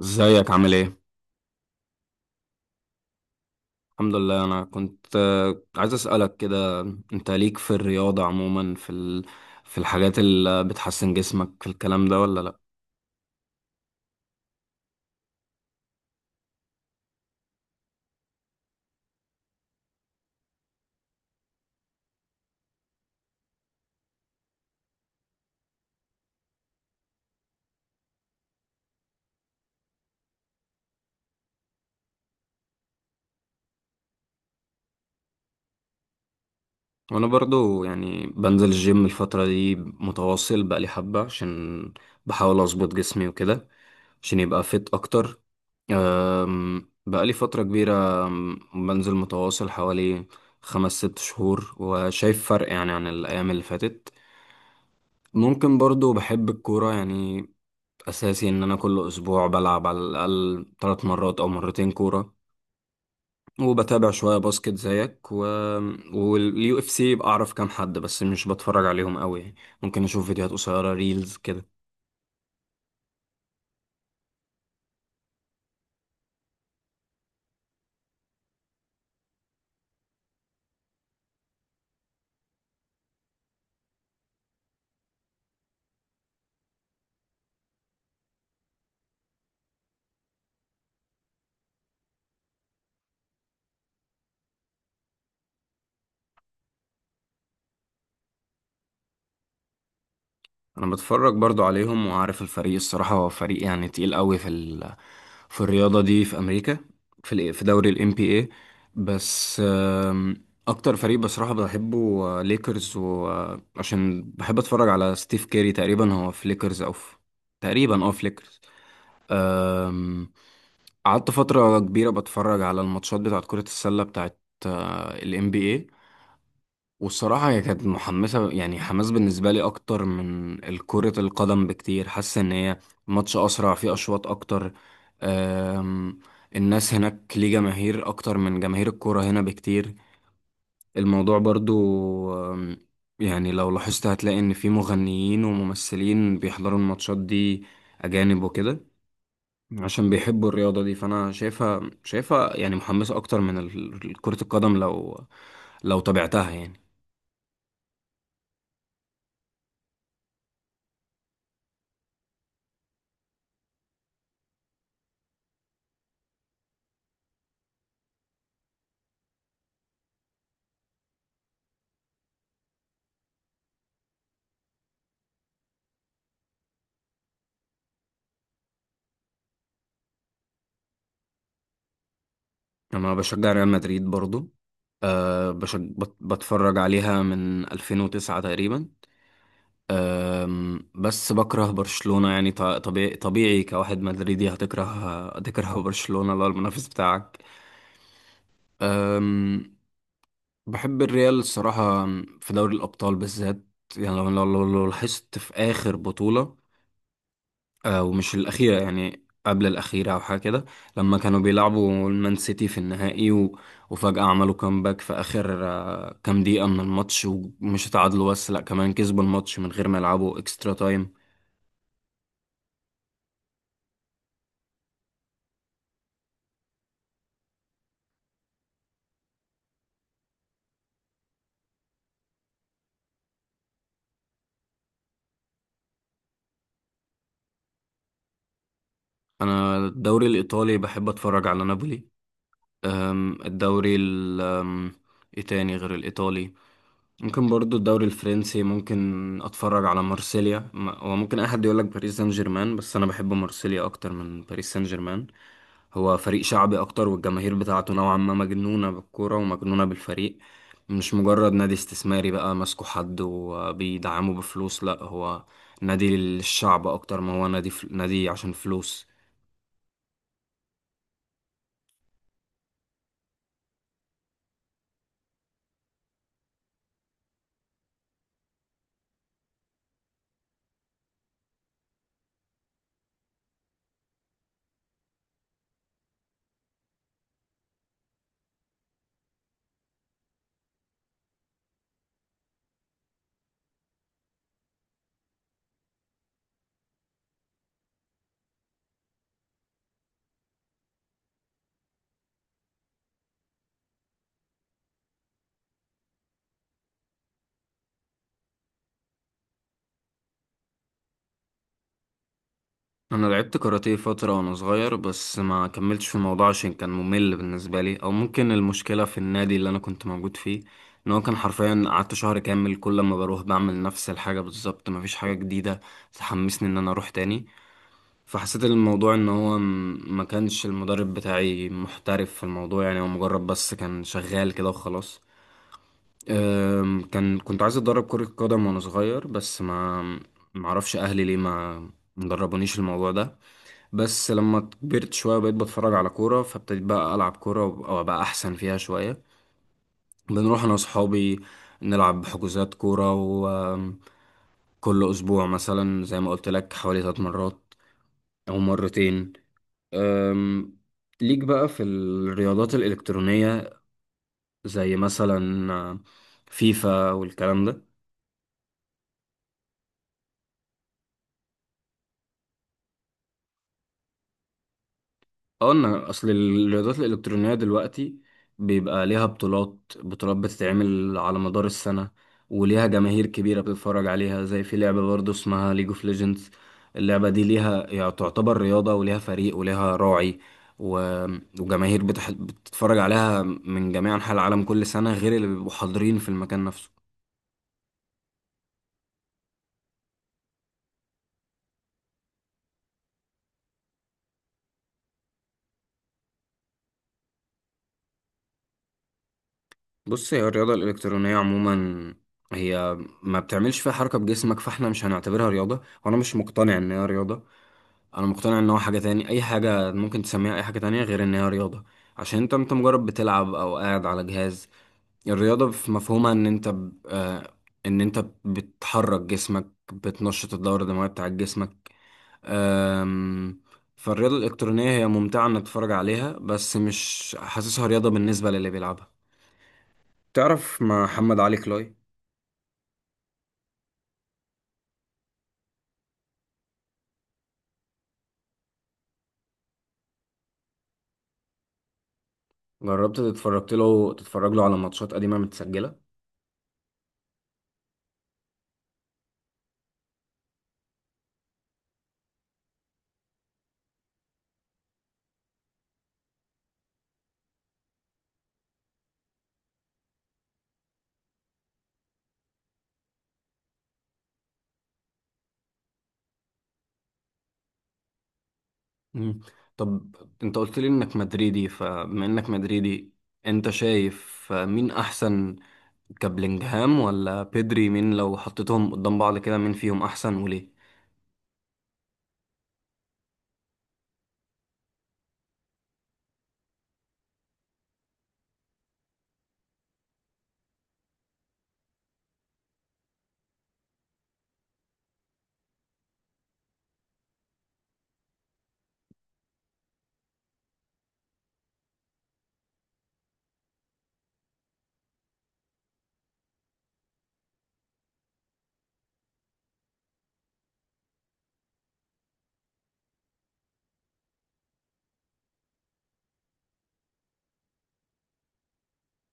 ازيك عامل ايه؟ الحمد لله انا كنت عايز اسألك كده. انت ليك في الرياضة عموما في الحاجات اللي بتحسن جسمك في الكلام ده ولا لا؟ وانا برضو يعني بنزل الجيم الفترة دي متواصل بقالي حبة، عشان بحاول اظبط جسمي وكده عشان يبقى فيت اكتر. بقالي فترة كبيرة، بنزل متواصل حوالي خمس ست شهور وشايف فرق يعني عن الأيام اللي فاتت. ممكن برضو بحب الكورة يعني أساسي، إن أنا كل أسبوع بلعب على الأقل تلات مرات أو مرتين كورة. وبتابع شوية باسكت زيك واليو اف سي، بعرف كام حد بس مش بتفرج عليهم قوي يعني. ممكن أشوف فيديوهات قصيرة ريلز كده. انا بتفرج برضو عليهم وعارف الفريق، الصراحه هو فريق يعني تقيل قوي في الرياضه دي في امريكا، في دوري الام بي اي. بس اكتر فريق بصراحه بحبه ليكرز، وعشان بحب اتفرج على ستيف كيري، تقريبا هو في ليكرز او في، تقريبا اه في ليكرز. آم، قعدت فتره كبيره بتفرج على الماتشات بتاعت كره السله بتاعت الام بي اي. والصراحة هي كانت محمسة يعني حماس بالنسبة لي أكتر من كرة القدم بكتير، حاسة إن هي ماتش أسرع فيه أشواط أكتر. أم، الناس هناك ليه جماهير أكتر من جماهير الكرة هنا بكتير. الموضوع برضو، أم، يعني لو لاحظت هتلاقي إن في مغنيين وممثلين بيحضروا الماتشات دي، أجانب وكده، عشان بيحبوا الرياضة دي. فأنا شايفها يعني محمسة أكتر من كرة القدم، لو تابعتها يعني. انا بشجع ريال مدريد برضو. أه بتفرج عليها من 2009 تقريبا. أم... بس بكره برشلونة يعني طبيعي كواحد مدريدي هتكره، برشلونة اللي هو المنافس بتاعك. أم... بحب الريال الصراحة في دوري الأبطال بالذات. يعني لو لاحظت في آخر بطولة، ومش الأخيرة يعني قبل الأخيرة أو حاجة كده، لما كانوا بيلعبوا المان سيتي في النهائي وفجأة عملوا كامباك في آخر كام دقيقة من الماتش، ومش اتعادلوا بس، لأ كمان كسبوا الماتش من غير ما يلعبوا إكسترا تايم. أنا الدوري الإيطالي بحب أتفرج على نابولي. أم، إيه تاني غير الإيطالي؟ ممكن برضو الدوري الفرنسي، ممكن اتفرج على مارسيليا. هو ممكن اي حد يقول لك باريس سان جيرمان، بس انا بحب مارسيليا اكتر من باريس سان جيرمان. هو فريق شعبي اكتر، والجماهير بتاعته نوعا ما مجنونة بالكورة ومجنونة بالفريق، مش مجرد نادي استثماري بقى ماسكه حد وبيدعمه بفلوس. لا، هو نادي للشعب اكتر ما هو نادي عشان فلوس. انا لعبت كاراتيه فتره وانا صغير، بس ما كملتش في الموضوع عشان كان ممل بالنسبه لي، او ممكن المشكله في النادي اللي انا كنت موجود فيه، ان هو كان حرفيا قعدت شهر كامل كل ما بروح بعمل نفس الحاجه بالظبط، مفيش حاجه جديده تحمسني ان انا اروح تاني. فحسيت الموضوع ان هو ما كانش المدرب بتاعي محترف في الموضوع، يعني هو مجرد بس كان شغال كده وخلاص. أم، كنت عايز اتدرب كره قدم وانا صغير، بس ما معرفش اهلي ليه ما مدربونيش الموضوع ده. بس لما كبرت شوية بقيت بتفرج على كورة، فابتديت بقى ألعب كورة أو أبقى أحسن فيها شوية. بنروح أنا وصحابي نلعب حجوزات كورة، وكل أسبوع مثلا زي ما قلت لك حوالي ثلاث مرات أو مرتين. أم، ليك بقى في الرياضات الإلكترونية، زي مثلا فيفا والكلام ده؟ قلنا اصل الرياضات الالكترونيه دلوقتي بيبقى ليها بطولات بتتعمل على مدار السنه، وليها جماهير كبيره بتتفرج عليها، زي في لعبه برضه اسمها ليج اوف ليجندز. اللعبه دي ليها، يعني تعتبر رياضه وليها فريق وليها راعي و... وجماهير بتتفرج عليها من جميع انحاء العالم كل سنه، غير اللي بيبقوا حاضرين في المكان نفسه. بص، هي الرياضة الإلكترونية عموما هي ما بتعملش فيها حركة بجسمك، فاحنا مش هنعتبرها رياضة، وأنا مش مقتنع إن هي رياضة. أنا مقتنع إن هو حاجة تاني، أي حاجة ممكن تسميها أي حاجة تانية غير إن هي رياضة. عشان أنت مجرد بتلعب أو قاعد على جهاز. الرياضة في مفهومها إن أنت ب... آه، إن أنت بتحرك جسمك، بتنشط الدورة الدموية بتاع جسمك. أم، فالرياضة الإلكترونية هي ممتعة إنك تتفرج عليها، بس مش حاسسها رياضة بالنسبة للي بيلعبها. تعرف مع محمد علي كلاي؟ جربت تتفرج له على ماتشات قديمة متسجلة؟ مم. طب انت قلت لي انك مدريدي، فبما انك مدريدي انت شايف مين احسن، كابلينجهام ولا بيدري؟ مين لو حطيتهم قدام بعض كده مين فيهم احسن وليه؟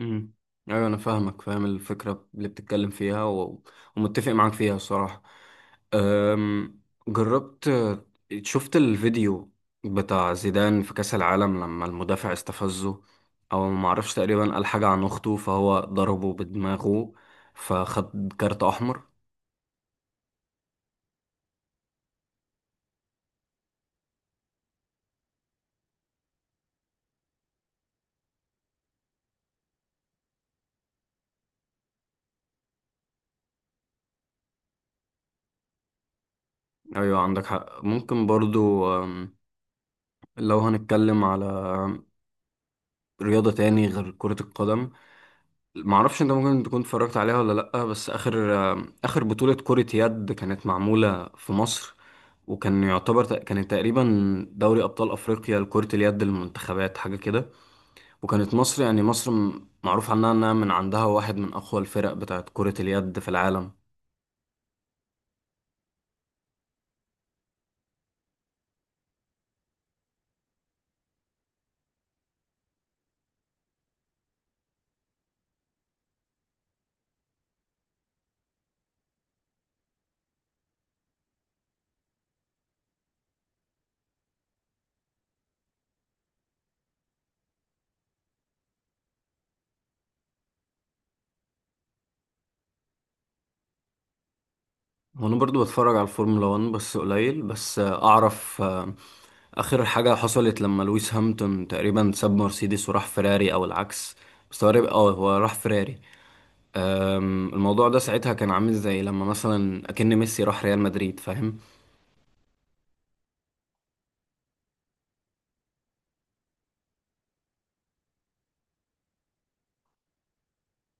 امم، ايوه انا فاهمك، فاهم الفكره اللي بتتكلم فيها ومتفق معاك فيها الصراحه. أم... جربت شفت الفيديو بتاع زيدان في كاس العالم لما المدافع استفزه، او ما اعرفش، تقريبا قال حاجه عن اخته، فهو ضربه بدماغه فخد كارت احمر؟ ايوه عندك حق. ممكن برضو، أم، لو هنتكلم على رياضه تاني غير كره القدم، معرفش انت ممكن تكون اتفرجت عليها ولا لأ، بس آخر بطولة كرة يد كانت معمولة في مصر، وكان يعتبر كانت تقريبا دوري أبطال أفريقيا لكرة اليد للمنتخبات حاجة كده. وكانت مصر يعني، مصر معروف عنها إنها من عندها واحد من أقوى الفرق بتاعت كرة اليد في العالم. وأنا برضو بتفرج على الفورمولا 1 بس قليل. بس أعرف آخر حاجة حصلت لما لويس هامilton تقريبا ساب مرسيدس وراح فيراري، أو العكس. بس هو اه هو راح فيراري. أم، الموضوع ده ساعتها كان عامل زي لما مثلا أكن ميسي راح ريال مدريد، فاهم؟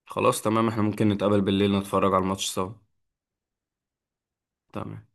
خلاص تمام، احنا ممكن نتقابل بالليل نتفرج على الماتش سوا. تمام.